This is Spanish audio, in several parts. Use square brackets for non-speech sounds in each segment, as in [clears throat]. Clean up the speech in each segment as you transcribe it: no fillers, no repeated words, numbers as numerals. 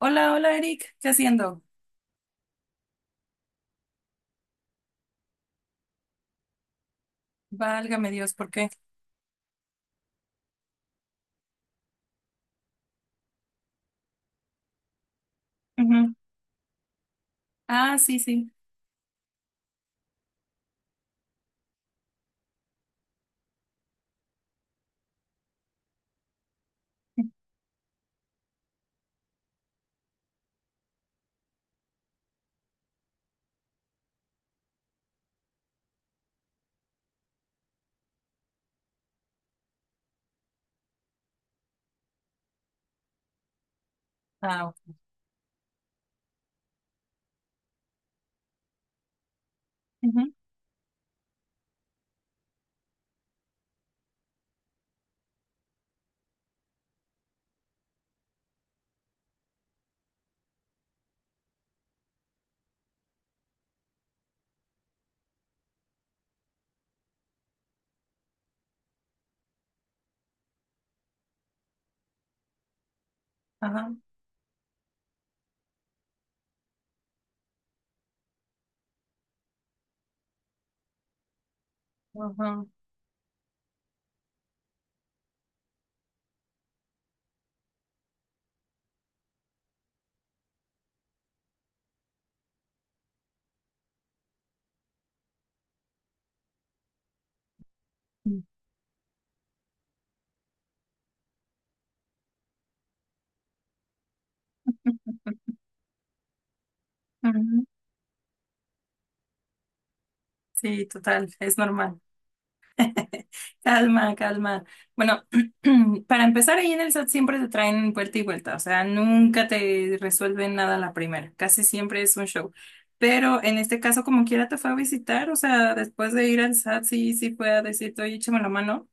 Hola, hola Eric, ¿qué haciendo? Válgame Dios, ¿por qué? Ujú. Ah, sí, sí. Ah, ok. Ujú. Ajá. Ujú. Ujú. Sí, total, es normal. [laughs] Calma, calma. Bueno, [clears throat] para empezar ahí en el SAT siempre te traen vuelta y vuelta, o sea, nunca te resuelven nada a la primera, casi siempre es un show. Pero en este caso, como quiera, te fue a visitar, o sea, después de ir al SAT, sí, sí fue a decirte, oye, échame la mano.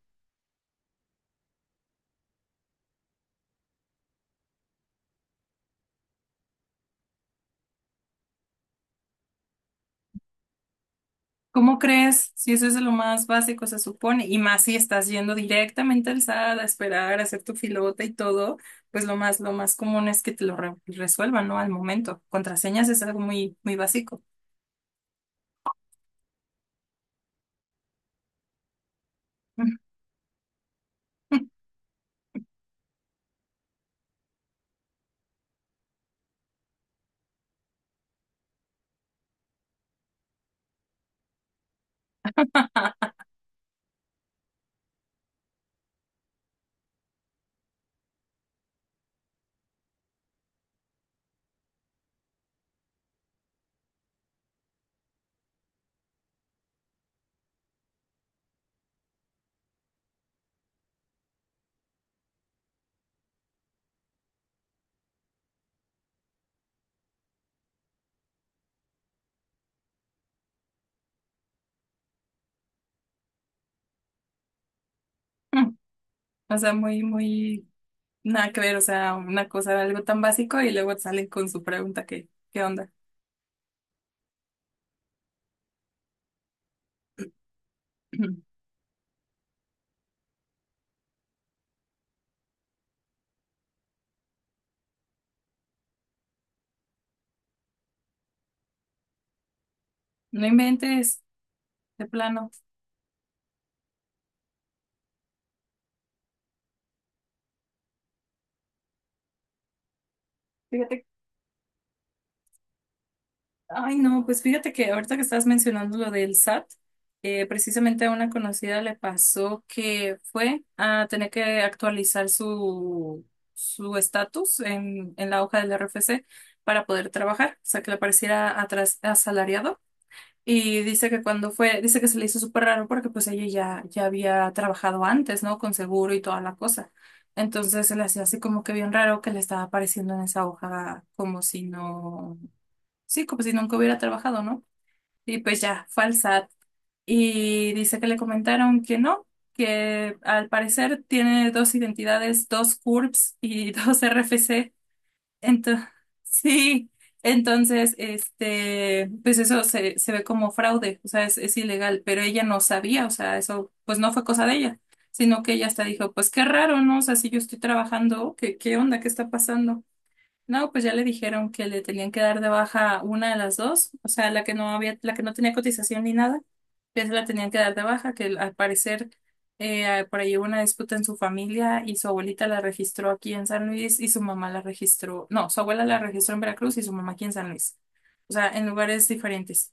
¿Cómo crees? Si eso es lo más básico, se supone, y más si estás yendo directamente al SAT a esperar, a hacer tu filota y todo, pues lo más común es que te lo resuelvan, ¿no? Al momento. Contraseñas es algo muy, muy básico. [laughs] O sea, muy, muy, nada que ver, o sea, una cosa, algo tan básico y luego salen con su pregunta que, qué onda? [clears throat] No inventes, de plano. Fíjate Ay, no, pues fíjate que ahorita que estás mencionando lo del SAT, precisamente a una conocida le pasó que fue a tener que actualizar su estatus en la hoja del RFC para poder trabajar, o sea, que le pareciera asalariado. Y dice que cuando fue, dice que se le hizo súper raro porque pues ella ya había trabajado antes, ¿no? Con seguro y toda la cosa. Entonces se le hacía así como que bien raro que le estaba apareciendo en esa hoja como si no. Sí, como si nunca hubiera trabajado, ¿no? Y pues ya, fue al SAT. Y dice que le comentaron que no, que al parecer tiene dos identidades, dos CURPS y [laughs] dos RFC. Entonces, sí, entonces, este, pues eso se ve como fraude, o sea, es ilegal, pero ella no sabía, o sea, eso pues no fue cosa de ella, sino que ella hasta dijo, pues qué raro, ¿no? O sea, si yo estoy trabajando, ¿qué onda? ¿Qué está pasando? No, pues ya le dijeron que le tenían que dar de baja una de las dos, o sea, la que no había, la que no tenía cotización ni nada, ya se la tenían que dar de baja, que al parecer por ahí hubo una disputa en su familia y su abuelita la registró aquí en San Luis y su mamá la registró, no, su abuela la registró en Veracruz y su mamá aquí en San Luis, o sea, en lugares diferentes.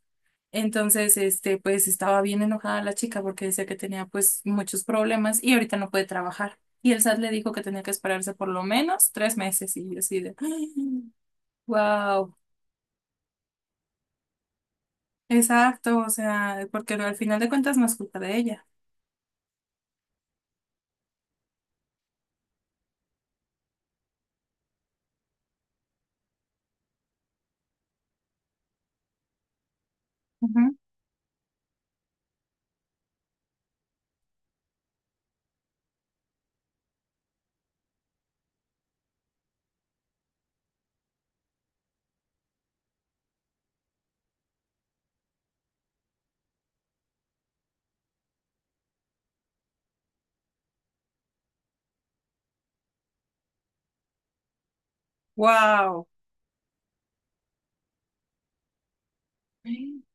Entonces, este, pues estaba bien enojada la chica porque decía que tenía pues muchos problemas y ahorita no puede trabajar. Y el SAT le dijo que tenía que esperarse por lo menos tres meses y yo así de, [gasps] wow, exacto, o sea, porque al final de cuentas no es culpa de ella. Wow. Sí,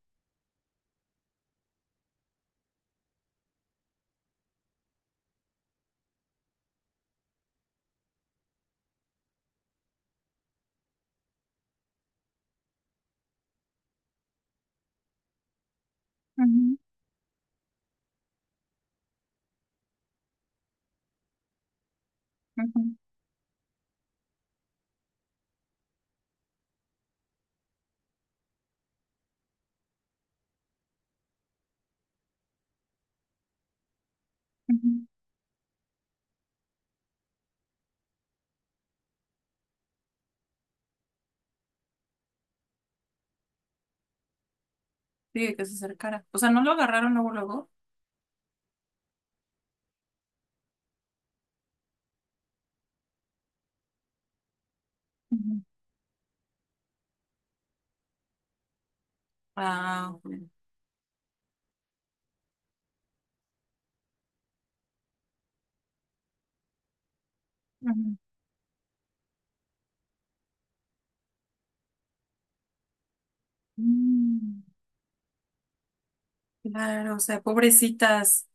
que se acercara. O sea, no lo agarraron luego, luego. Ujú. Ah, ok. Ujú. Mm, claro, o sea, pobrecitas.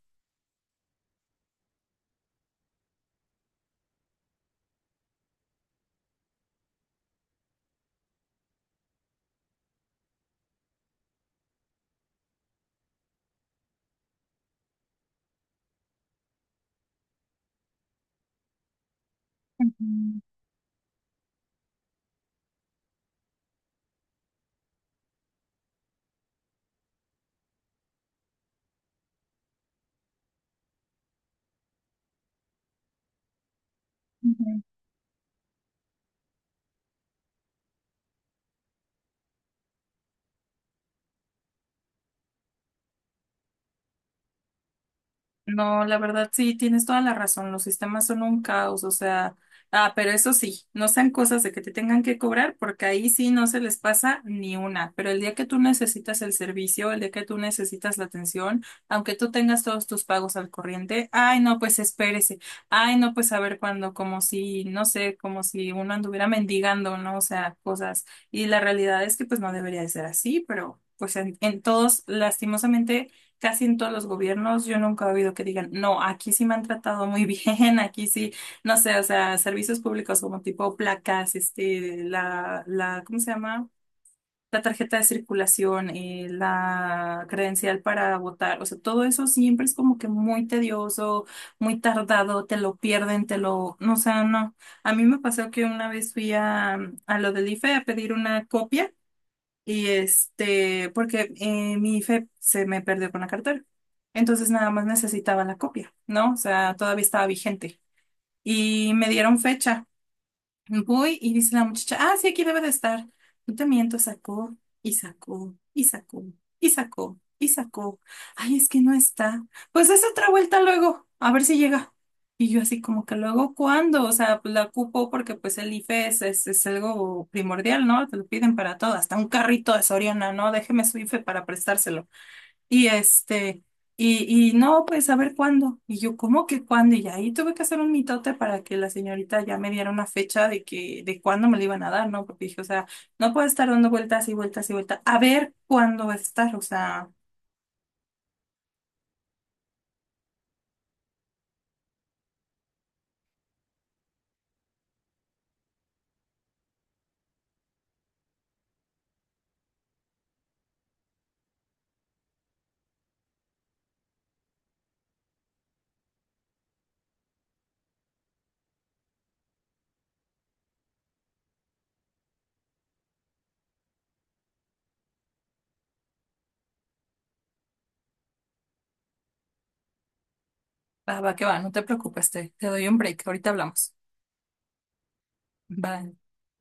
No, la verdad sí, tienes toda la razón. Los sistemas son un caos, o sea, ah, pero eso sí, no sean cosas de que te tengan que cobrar, porque ahí sí no se les pasa ni una. Pero el día que tú necesitas el servicio, el día que tú necesitas la atención, aunque tú tengas todos tus pagos al corriente, ay, no, pues espérese. Ay, no, pues a ver cuándo, como si, no sé, como si uno anduviera mendigando, ¿no? O sea, cosas. Y la realidad es que pues no debería de ser así, pero pues en todos, lastimosamente casi en todos los gobiernos yo nunca he oído que digan, no, aquí sí me han tratado muy bien, [laughs] aquí sí, no sé, o sea, servicios públicos como tipo placas, este, ¿cómo se llama? La tarjeta de circulación, la credencial para votar, o sea, todo eso siempre es como que muy tedioso, muy tardado, te lo pierden, no, o sea, no. A mí me pasó que una vez a lo del IFE a pedir una copia. Y este, porque mi IFE se me perdió con la cartera. Entonces nada más necesitaba la copia, ¿no? O sea, todavía estaba vigente. Y me dieron fecha. Voy y dice la muchacha, ah, sí, aquí debe de estar. No te miento, sacó y sacó y sacó y sacó y sacó. Ay, es que no está. Pues es otra vuelta luego, a ver si llega. Y yo así como que luego, ¿cuándo? O sea, pues la ocupo porque pues el IFE es algo primordial, ¿no? Te lo piden para todo, hasta un carrito de Soriana, ¿no? Déjeme su IFE para prestárselo. Y este, y no, pues a ver cuándo. Y yo, ¿cómo que cuándo? Y ahí tuve que hacer un mitote para que la señorita ya me diera una fecha de que, de cuándo me lo iban a dar, ¿no? Porque dije, o sea, no puedo estar dando vueltas y vueltas y vueltas. A ver cuándo va a estar, o sea, va, va que va, no te preocupes, te doy un break, ahorita hablamos. Bye.